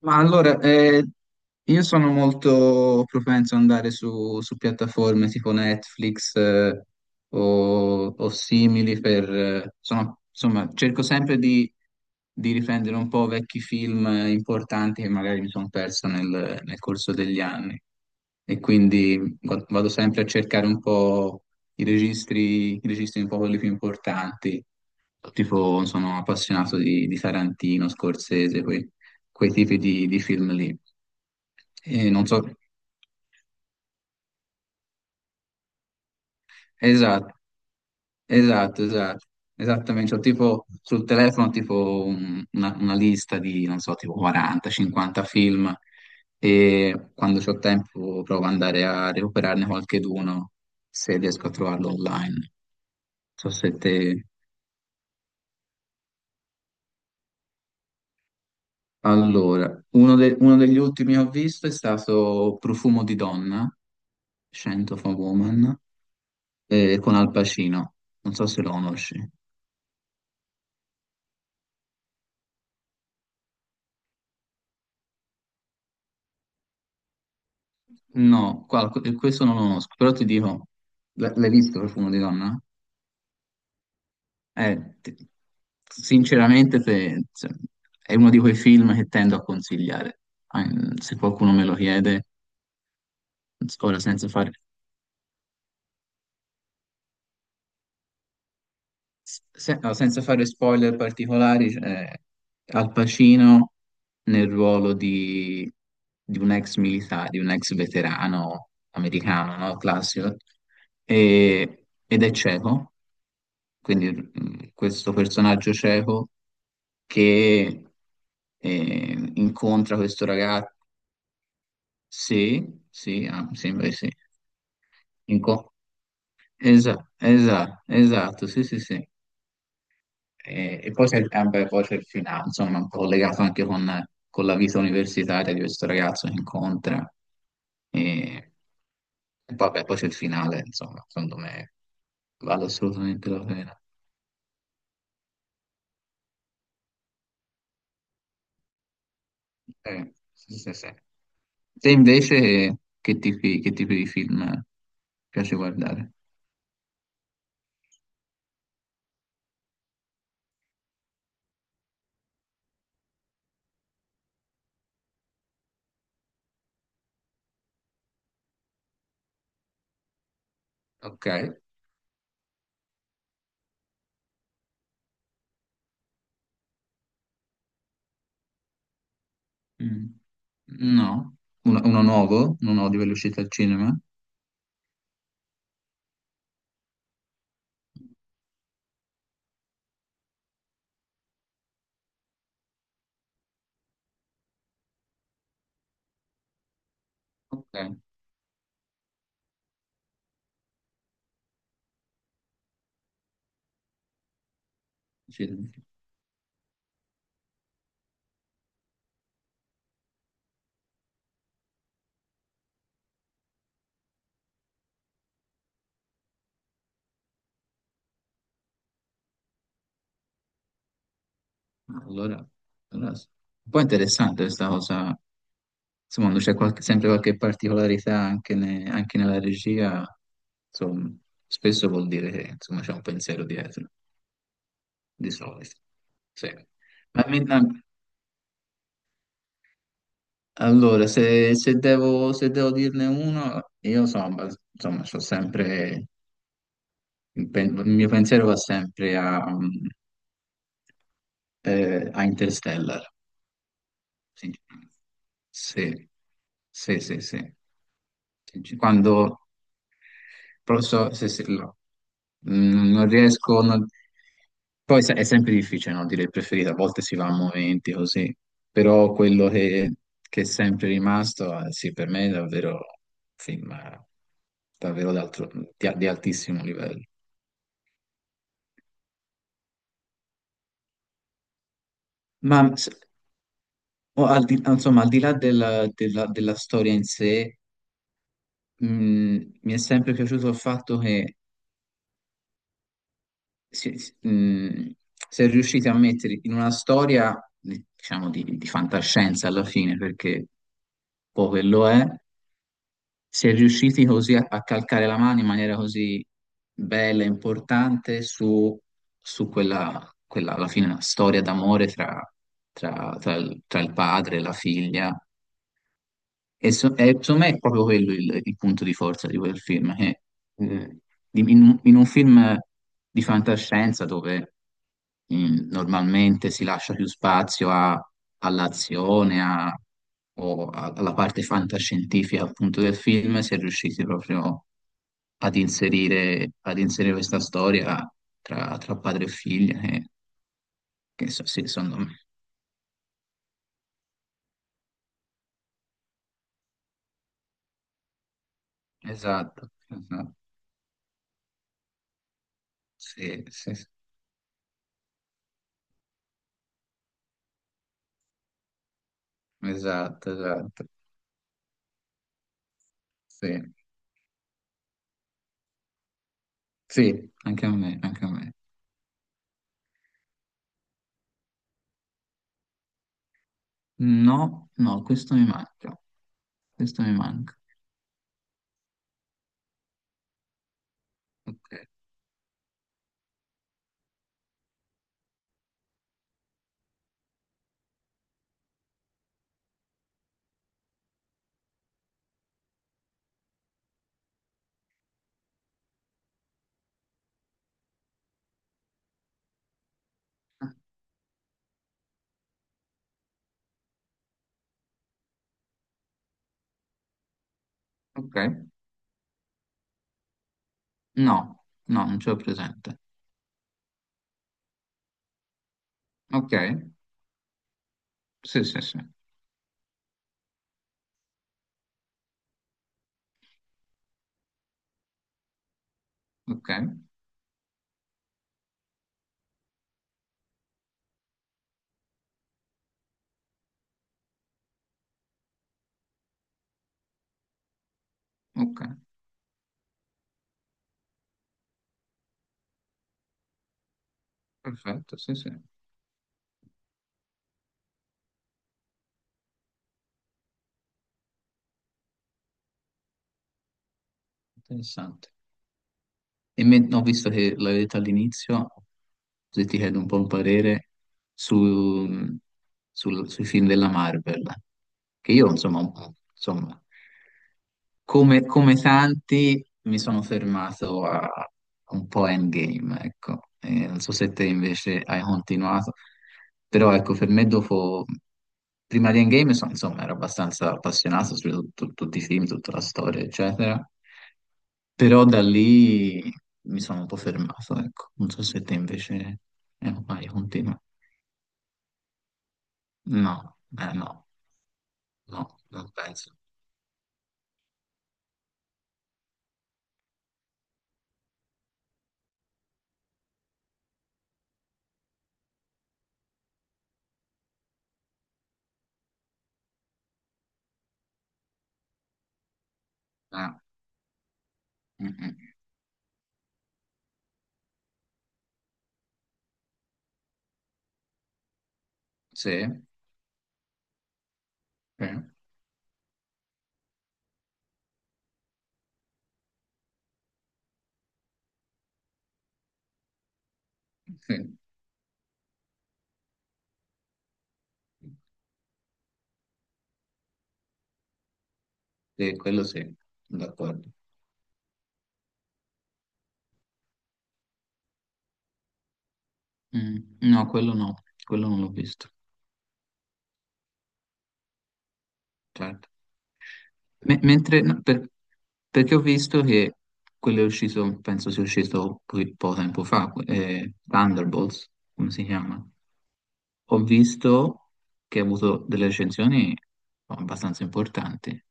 Ma allora, io sono molto propenso ad andare su piattaforme tipo Netflix, o simili per... insomma, cerco sempre di riprendere un po' vecchi film importanti che magari mi sono perso nel corso degli anni e quindi vado sempre a cercare un po' i registri un po' quelli più importanti. Tipo, sono appassionato di Tarantino, Scorsese, quei tipi di film lì. E non so, esatto, esatto, esatto, esattamente. Ho tipo sul telefono tipo una lista di, non so, tipo 40-50 film e quando ho tempo provo ad andare a recuperarne qualcheduno se riesco a trovarlo online. Non so se te... Allora, uno degli ultimi che ho visto è stato Profumo di donna, Scent of a Woman, con Al Pacino. Non so se lo conosci. No, questo non lo conosco, però ti dico, l'hai visto Profumo di donna? Eh, ti- Sinceramente è uno di quei film che tendo a consigliare. Ah, se qualcuno me lo chiede, ora senza fare. No, senza fare spoiler particolari, c'è Al Pacino nel ruolo di un ex militare, di un ex veterano americano, no? Classico. Ed è cieco, quindi questo personaggio cieco che incontra questo ragazzo. Sì, sì, ah, mi sembra di sì. Inco- esatto, sì, sì, sì. E poi c'è il tempo e poi c'è il finale, insomma, un po' collegato anche con la vita universitaria di questo ragazzo che incontra. E, e poi, vabbè, poi c'è il finale, insomma, secondo me vale assolutamente la pena. Sì, sì, sì. Te invece che tipi di film piace guardare? Ok. Mm. No, uno nuovo di velocità al cinema. Ok. Sì. Allora, allora, un po' interessante questa cosa. Insomma, quando c'è sempre qualche particolarità anche, anche nella regia. Insomma, spesso vuol dire che insomma, c'è un pensiero dietro, di solito. Sì. Ma mi- ma- allora, se devo dirne uno, io insomma, c'ho sempre, il mio pensiero va sempre a Interstellar. Sinceramente. Sì, sì, sì, sì. Quando proprio non riesco, poi sai, è sempre difficile no, dire il preferito, a volte si va a momenti così, però quello che è sempre rimasto, sì, per me è davvero un film davvero di altissimo livello. Ma s- o insomma, al di là della storia in sé, mi è sempre piaciuto il fatto che si, si- mh, si è riusciti a mettere in una storia, diciamo, di fantascienza alla fine, perché poi quello è, si è riusciti così a calcare la mano in maniera così bella e importante su quella, alla fine, una storia d'amore tra il padre e la figlia. E secondo me è proprio quello il punto di forza di quel film, che, eh, di- in un film di fantascienza dove normalmente si lascia più spazio all'azione alla parte fantascientifica appunto del film, si è riusciti proprio ad inserire questa storia tra padre e figlia, sì, secondo me. Esatto, esatto, sì, sì, sì. Esatto, esatto, sì. Sì, anche a me, anche a me. No, no, questo mi manca. Questo mi manca. Ok. Ok. No, no, non ce l'ho presente. Ok. Sì, sì, sì. Ok, ok. Perfetto, sì, sì. Interessante. Ho visto che l'hai detto all'inizio, se ti chiedo un po' un parere su- sui film della Marvel, che io, insomma, un po', insomma. Come tanti mi sono fermato a un po' Endgame, ecco. E non so se te invece hai continuato, però ecco, per me dopo, prima di Endgame, insomma, ero abbastanza appassionato su tutti i film, tutta la storia, eccetera, però da lì mi sono un po' fermato, ecco. Non so se te invece. Vai, continua. No, no, no, non penso. Eh, mm, mm. Sì, sì, sì. Sì, quello sì, d'accordo. No, quello no, quello non l'ho visto, certo. Mentre, no, perché ho visto che quello è uscito, penso sia uscito poco tempo fa, Thunderbolts, come si chiama? Ho visto che ha avuto delle recensioni abbastanza importanti,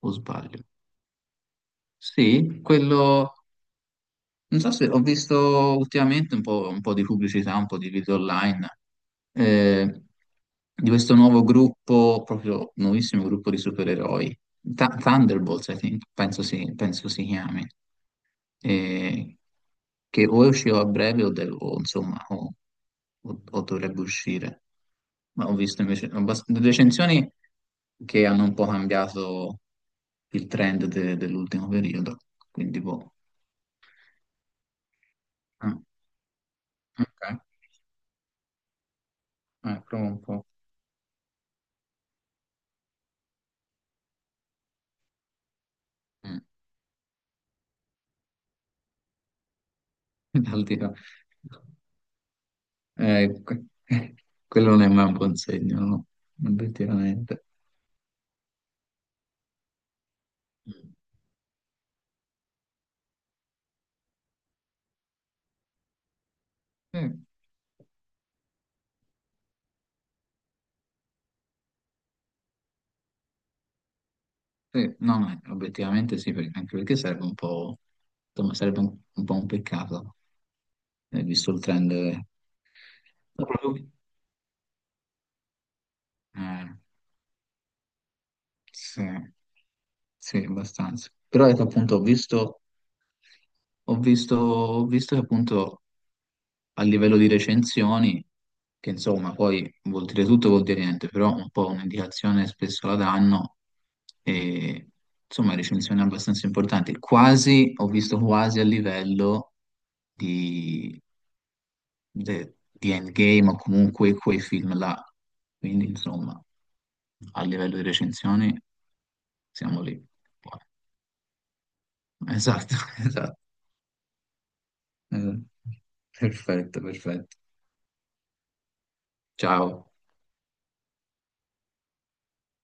o sbaglio. Sì, quello. Non so se ho visto ultimamente un po' di pubblicità, un po' di video online eh, di questo nuovo gruppo, proprio nuovissimo gruppo di supereroi, Thunderbolts, I think, penso si chiami, eh, che o è uscito a breve o, de- o, insomma o dovrebbe uscire. Ma ho visto invece recensioni che hanno un po' cambiato il trend dell'ultimo periodo, quindi boh. Ah, ok. Prova un po'. Eh, dal di là. Eh, que- Quello non è mai un buon segno, no? Obiettivamente. Eh, sì, no, no, obiettivamente sì, anche perché sarebbe un po', insomma, sarebbe un po' un peccato, visto il trend. Proprio- eh, sì. Sì, abbastanza. Però ecco, appunto ho visto che appunto a livello di recensioni, che insomma poi vuol dire tutto, vuol dire niente, però un po' un'indicazione spesso la danno, e insomma recensioni abbastanza importanti, quasi, ho visto quasi a livello di, di Endgame o comunque quei film là, quindi insomma a livello di recensioni siamo lì. Esatto, esatto. Eh, Perfetto, perfetto. Ciao.